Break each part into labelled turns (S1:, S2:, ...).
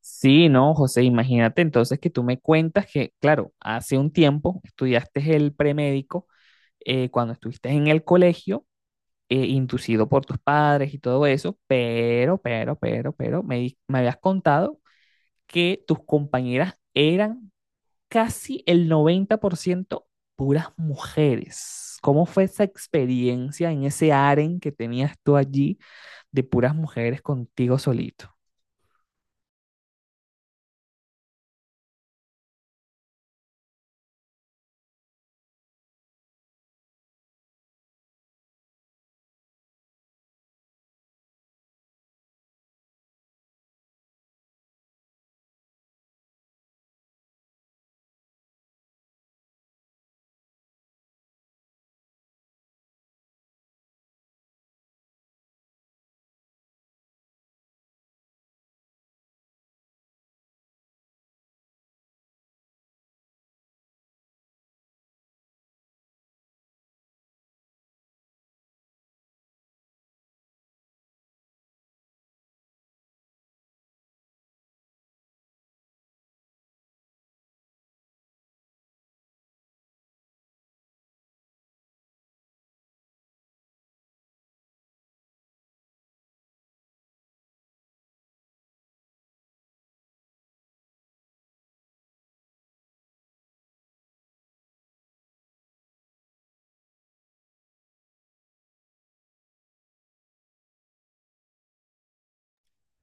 S1: Sí, no, José, imagínate entonces que tú me cuentas que, claro, hace un tiempo estudiaste el premédico cuando estuviste en el colegio, inducido por tus padres y todo eso, me habías contado que tus compañeras eran casi el 90% puras mujeres. ¿Cómo fue esa experiencia en ese aren que tenías tú allí? De puras mujeres contigo solito.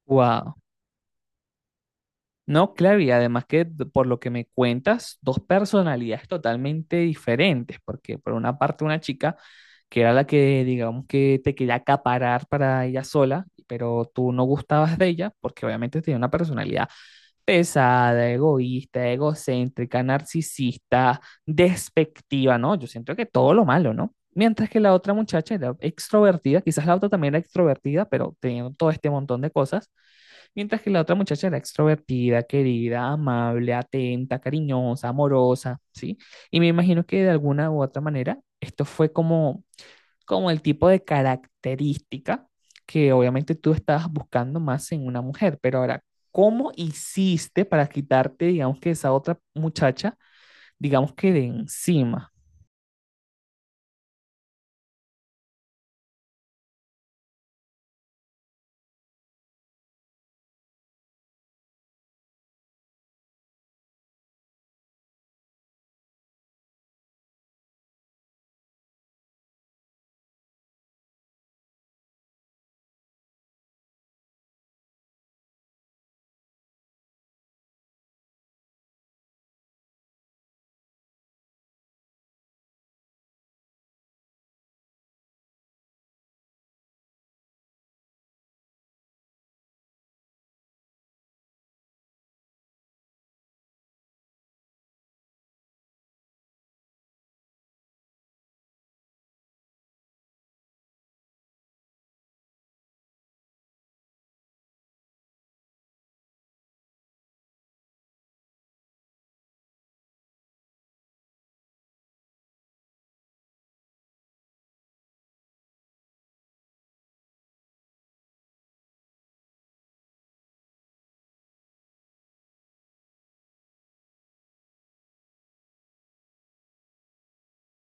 S1: Wow. No, claro, y además que por lo que me cuentas, dos personalidades totalmente diferentes, porque por una parte una chica que era la que, digamos que te quería acaparar para ella sola, pero tú no gustabas de ella, porque obviamente tenía una personalidad pesada, egoísta, egocéntrica, narcisista, despectiva, ¿no? Yo siento que todo lo malo, ¿no? Mientras que la otra muchacha era extrovertida, quizás la otra también era extrovertida, pero teniendo todo este montón de cosas. Mientras que la otra muchacha era extrovertida, querida, amable, atenta, cariñosa, amorosa, ¿sí? Y me imagino que de alguna u otra manera esto fue como como el tipo de característica que obviamente tú estabas buscando más en una mujer, pero ahora, ¿cómo hiciste para quitarte, digamos que esa otra muchacha, digamos que de encima?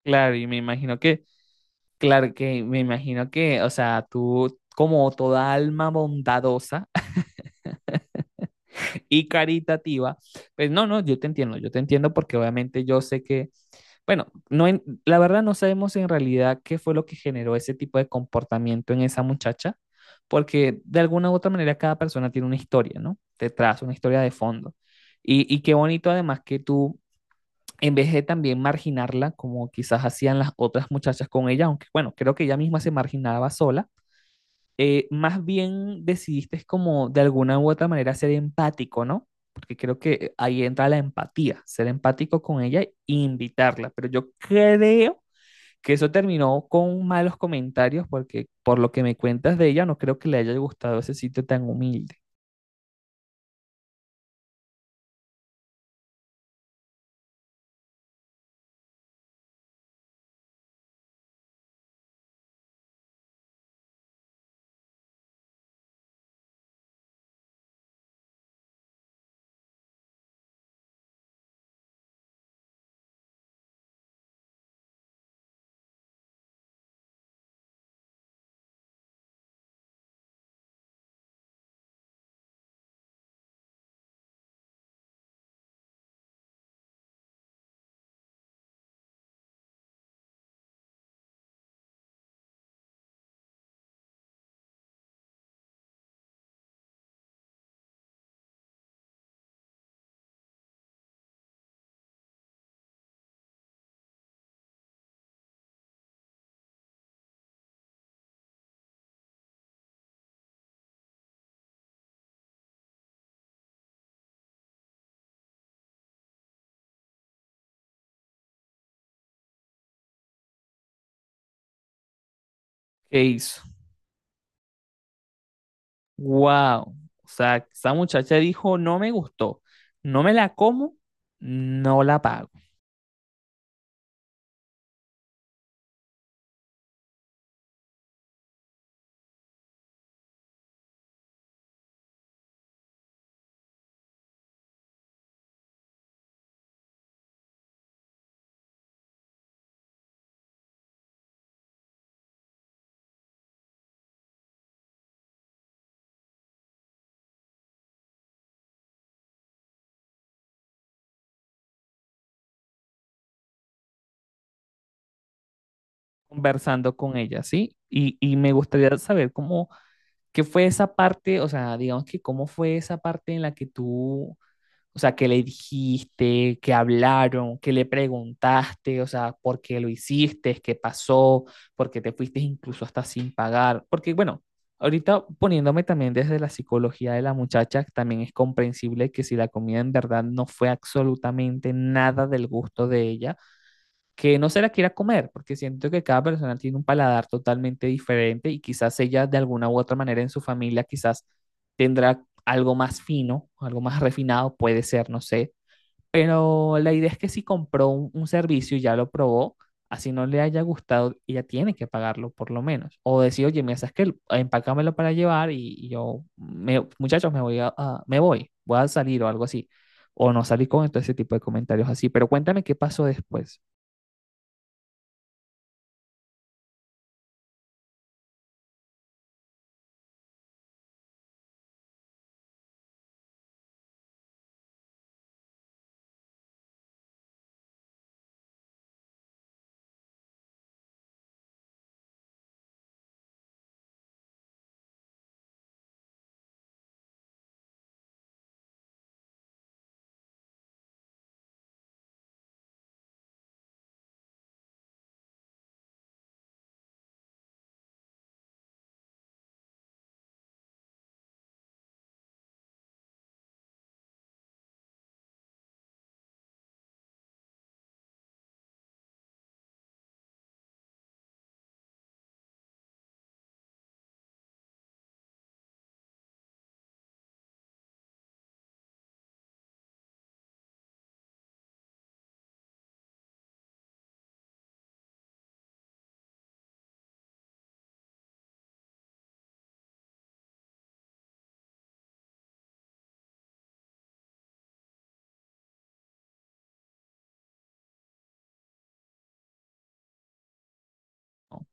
S1: Claro, y me imagino que, claro, que me imagino que, o sea, tú como toda alma bondadosa y caritativa, pues no, no, yo te entiendo porque obviamente yo sé que bueno, la verdad no sabemos en realidad qué fue lo que generó ese tipo de comportamiento en esa muchacha, porque de alguna u otra manera cada persona tiene una historia, ¿no? Detrás, una historia de fondo. Y qué bonito además que tú, en vez de también marginarla, como quizás hacían las otras muchachas con ella, aunque bueno, creo que ella misma se marginaba sola, más bien decidiste como de alguna u otra manera ser empático, ¿no? Porque creo que ahí entra la empatía, ser empático con ella e invitarla. Pero yo creo que eso terminó con malos comentarios porque por lo que me cuentas de ella, no creo que le haya gustado ese sitio tan humilde. ¿Qué hizo? ¡Wow! O sea, esa muchacha dijo, no me gustó, no me la como, no la pago. Conversando con ella, ¿sí? Y me gustaría saber cómo ¿qué fue esa parte? O sea, digamos que cómo fue esa parte en la que tú, o sea, que le dijiste, que hablaron, que le preguntaste, o sea, por qué lo hiciste, qué pasó, por qué te fuiste incluso hasta sin pagar. Porque, bueno, ahorita poniéndome también desde la psicología de la muchacha, también es comprensible que si la comida en verdad no fue absolutamente nada del gusto de ella que no se la quiera comer, porque siento que cada persona tiene un paladar totalmente diferente y quizás ella de alguna u otra manera en su familia quizás tendrá algo más fino, algo más refinado, puede ser, no sé, pero la idea es que si compró un servicio y ya lo probó, así no le haya gustado, ella tiene que pagarlo por lo menos, o decir, oye, mira, sabes que empácamelo para llevar y yo, muchachos, me voy, voy a salir o algo así, o no salir con todo ese tipo de comentarios así, pero cuéntame qué pasó después.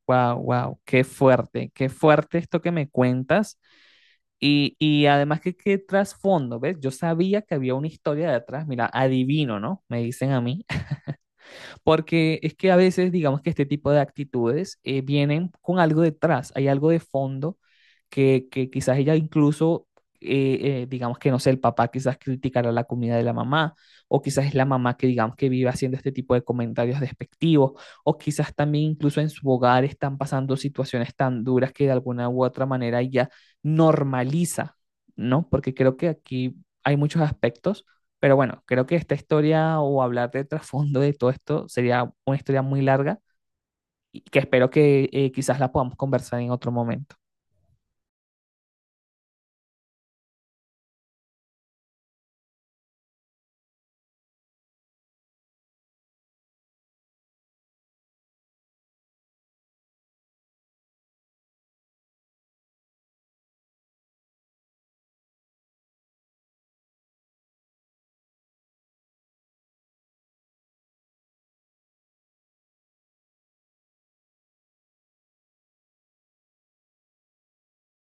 S1: Wow, wow, qué fuerte esto que me cuentas. Y además que qué trasfondo, ¿ves? Yo sabía que había una historia detrás, mira, adivino, ¿no? Me dicen a mí, porque es que a veces, digamos que este tipo de actitudes vienen con algo detrás, hay algo de fondo que quizás ella incluso, digamos que no sé, el papá quizás criticará la comida de la mamá, o quizás es la mamá que digamos que vive haciendo este tipo de comentarios despectivos, o quizás también incluso en su hogar están pasando situaciones tan duras que de alguna u otra manera ella normaliza, ¿no? Porque creo que aquí hay muchos aspectos, pero bueno, creo que esta historia o hablar de trasfondo de todo esto sería una historia muy larga y que espero que quizás la podamos conversar en otro momento.